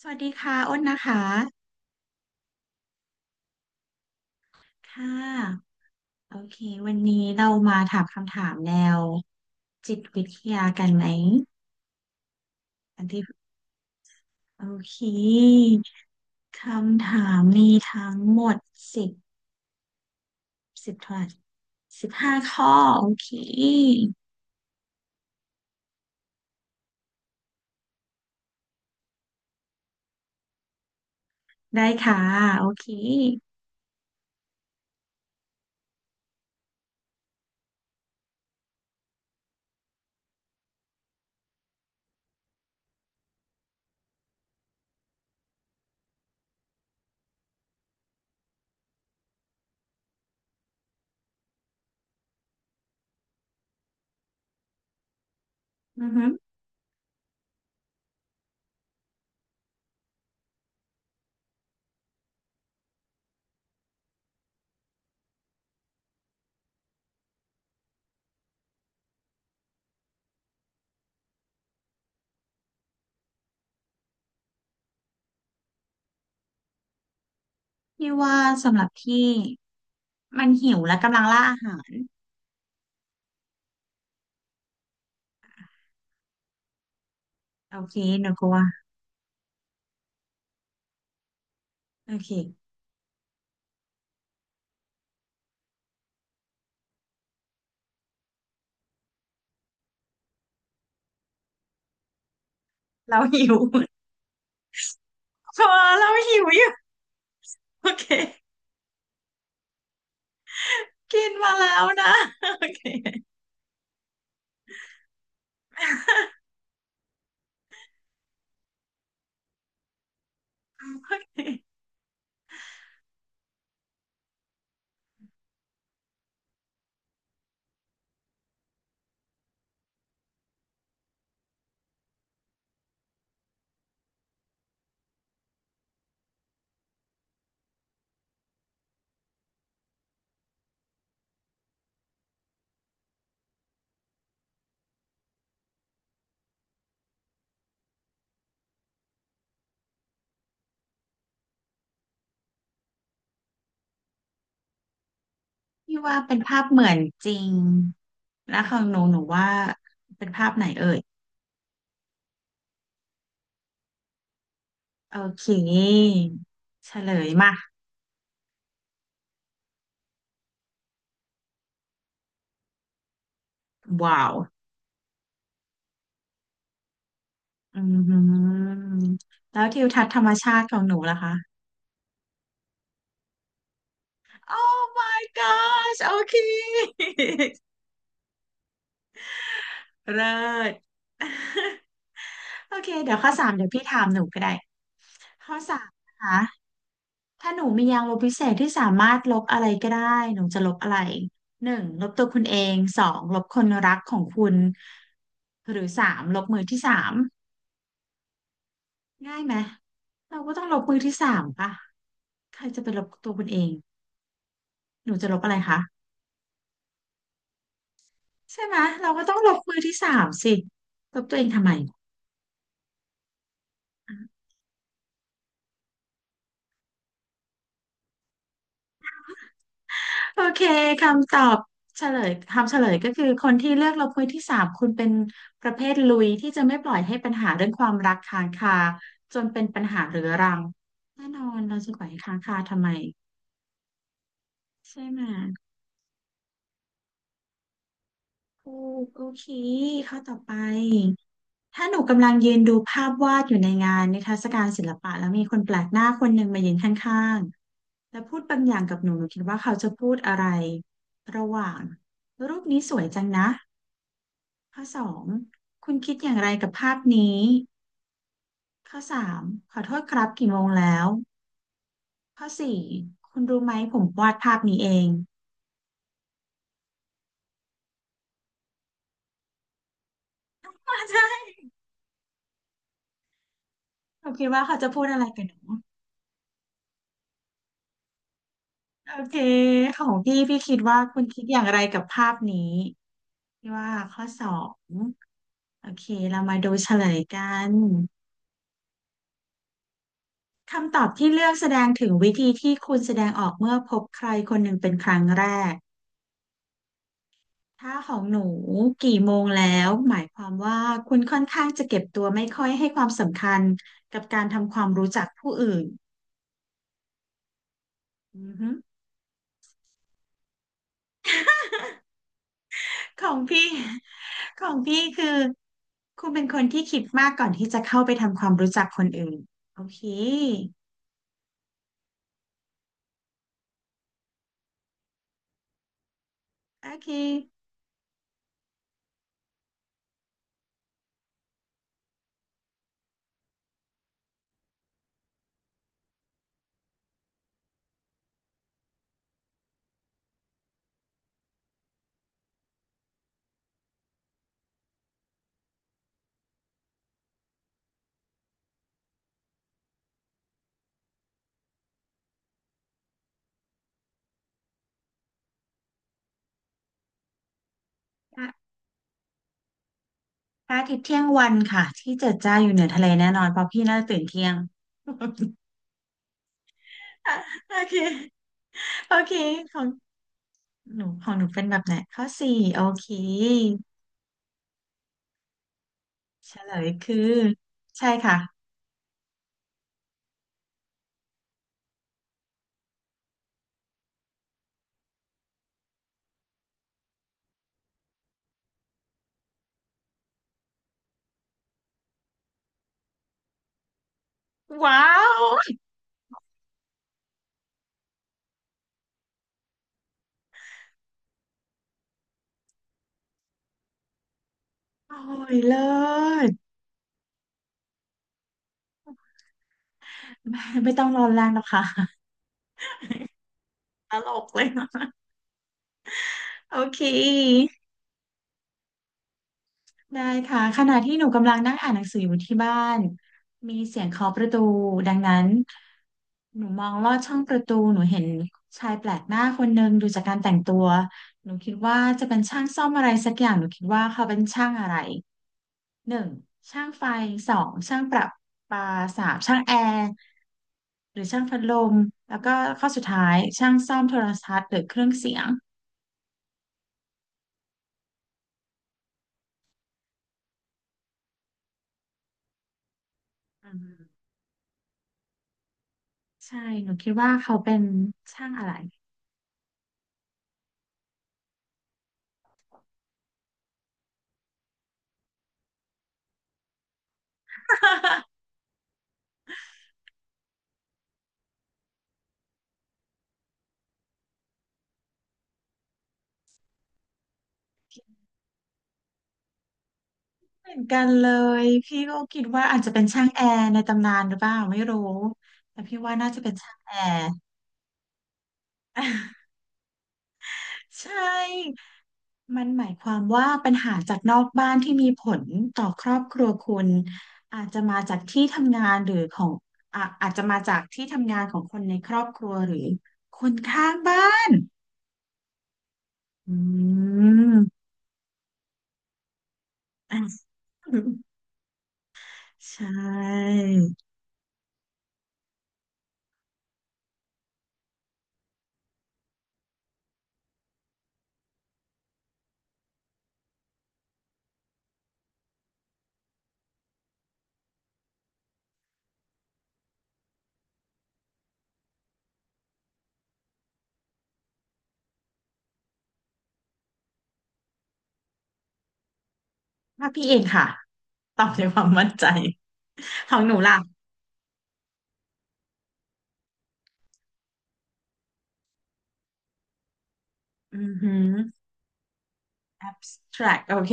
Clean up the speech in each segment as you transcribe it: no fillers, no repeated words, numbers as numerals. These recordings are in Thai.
สวัสดีค่ะอ้นนะคะค่ะโอเควันนี้เรามาถามคำถามแนวจิตวิทยากันไหมอันที่โอเคคำถามมีทั้งหมดสิบสิบเท่าไหร่สิบห้าข้อ โอเค ได้ค่ะ โอเคอือฮึพี่ว่าสำหรับพี่มันหิวและกำลังล่าอาหาร โอเคหนูกลัวโอเค เราหิว เพราะว่าเราหิวอยู่ โอเค กินมาแล้วนะโอเคโอเคพี่ว่าเป็นภาพเหมือนจริงแล้วของหนูหนูว่าเป็นภาพไหนเอ่ยโอเคเฉลยมาว้าวอืมแล้วทิวทัศน์ธรรมชาติของหนูล่ะคะโอ้ my gosh โอเคเลิศ โอเคเดี๋ยวข้อสามเดี๋ยวพี่ถามหนูก็ได้ข้อสามนะคะ ถ้าหนูมียางลบพิเศษที่สามารถลบอะไรก็ได้หนูจะลบอะไรหนึ่งลบตัวคุณเองสองลบคนรักของคุณหรือสามลบมือที่สามง่ายไหมเราก็ต้องลบมือที่สามป่ะใครจะไปลบตัวคุณเองหนูจะลบอะไรคะใช่ไหมเราก็ต้องลบมือที่สามสิลบตัวเองทำไม โอเคคำตอบเฉลยคำเฉลยก็คือคนที่เลือกลบมือที่สามคุณเป็นประเภทลุยที่จะไม่ปล่อยให้ปัญหาเรื่องความรักค้างคาจนเป็นปัญหาเรื้อรังแน่นอนเราจะปล่อยให้ค้างคาทำไมใช่ไหมถูกโอเคข้อต่อไปถ้าหนูกำลังยืนดูภาพวาดอยู่ในงานนิทรรศการศิลปะแล้วมีคนแปลกหน้าคนหนึ่งมายืนข้างๆแล้วพูดบางอย่างกับหนูหนูคิดว่าเขาจะพูดอะไรระหว่างรูปนี้สวยจังนะ ข้อสองคุณคิดอย่างไรกับภาพนี้ข้อสามขอโทษครับกี่โมงแล้วข้อสี่คุณรู้ไหมผมวาดภาพนี้เองมาใช่เราคิดว่าเขาจะพูดอะไรกันหนูโอเคของพี่พี่คิดว่าคุณคิดอย่างไรกับภาพนี้พี่ว่าข้อสองโอเคเรามาดูเฉลยกันคำตอบที่เลือกแสดงถึงวิธีที่คุณแสดงออกเมื่อพบใครคนหนึ่งเป็นครั้งแรก ถ้าของหนูกี่โมงแล้วหมายความว่าคุณค่อนข้างจะเก็บตัวไม่ค่อยให้ความสำคัญกับการทำความรู้จักผู้อื่นอือฮึของพี่ ของพี่คือคุณเป็นคนที่คิดมากก่อนที่จะเข้าไปทำความรู้จักคนอื่นโอเคโอเคพระพระอาทิตย์เที่ยงวันค่ะที่เจิดจ้าอยู่เหนือทะเลแน่นอนเพราะพี่น่าจะตื่นเที่ยง อ่ะโอเคโอเคของของหนูเป็นแบบไหนข้อสี่โอเค เฉลยคือใช่ค่ะว้าวโอ้ยเลิศไม่ไม่ต้องนอนแรงหรอกค่ะตลกเลยนะโอเคได้ค่ะขณะที่หนูกำลังนั่งอ่านหนังสืออยู่ที่บ้านมีเสียงเคาะประตูดังนั้นหนูมองลอดช่องประตูหนูเห็นชายแปลกหน้าคนหนึ่งดูจากการแต่งตัวหนูคิดว่าจะเป็นช่างซ่อมอะไรสักอย่างหนูคิดว่าเขาเป็นช่างอะไรหนึ่งช่างไฟสองช่างประปาสามช่างแอร์ หรือช่างพัดลมแล้วก็ข้อสุดท้ายช่างซ่อมโทรทัศน์หรือเครื่องเสียงอืมใช่หนูคิดว่าเขาเป็นช่างอะไร เหมือนกันเลยพี่ก็คิดว่าอาจจะเป็นช่างแอร์ในตำนานหรือเปล่าไม่รู้แต่พี่ว่าน่าจะเป็นช่างแอร์ ใช่ มันหมายความว่าปัญหาจากนอกบ้านที่มีผลต่อครอบครัวคุณอาจจะมาจากที่ทำงานหรือของอ่ะอาจจะมาจากที่ทำงานของคนในครอบครัวหรือคนข้างบ้าน อืม อ่ะใช่ว่าพี่เองค่ะตอบด้วยความมั่นใจของหนูล่ะอือหือ abstract โอเค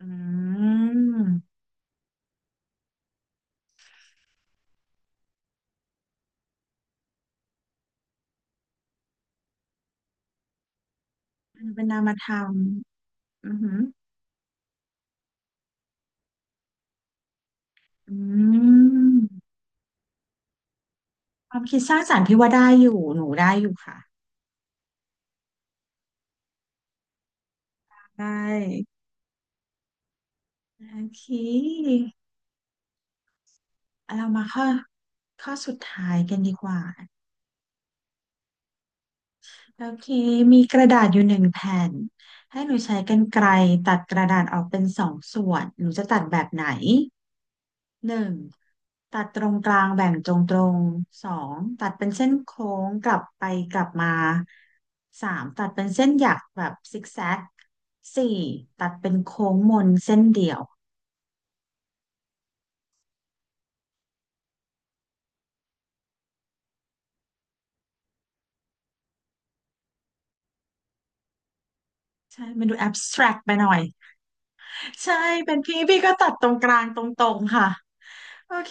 อืมเป็นนามธรรมอือหือ อืมความคิดสร้างสรรค์พี่ว่าได้อยู่หนูได้อยู่ค่ะได้โอเคเรามาข้อสุดท้ายกันดีกว่าโอเคมีกระดาษอยู่หนึ่งแผ่นให้หนูใช้กรรไกรตัดกระดาษออกเป็นสองส่วนหนูจะตัดแบบไหน หนึ่งตัดตรงกลางแบ่งตรงตรงสองตัดเป็นเส้นโค้งกลับไปกลับมาสามตัดเป็นเส้นหยักแบบซิกแซกสี่ตัดเป็นโค้งมนเส้นเดี่ยวใช่มันดูแอบสแตรกไปหน่อยใช่เป็นพี่ก็ตัดตรงกลางตรงตรงค่ะโอเค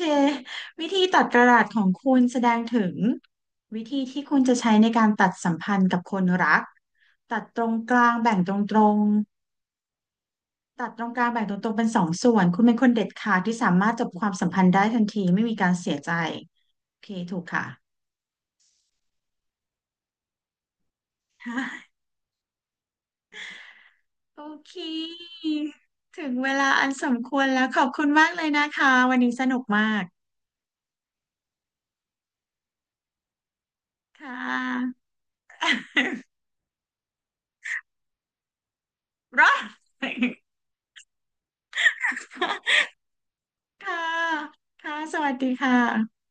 วิธีตัดกระดาษของคุณแสดงถึงวิธีที่คุณจะใช้ในการตัดสัมพันธ์กับคนรักตัดตรงกลางแบ่งตรงตรง ตัดตรงกลางแบ่งตัวตรงเป็นสองส่วนคุณเป็นคนเด็ดขาดที่สามารถจบความสัมพันธ์ได้ทันทีไม่มีการเสียใจโอเคถูกค่ะ โอเคถึงเวลาอันสมควรแล้วขอบคุณมากเลยนะคะวันนี้สนุกมากค่ะ รอด ค่ะค่ะสวัสดีค่ะ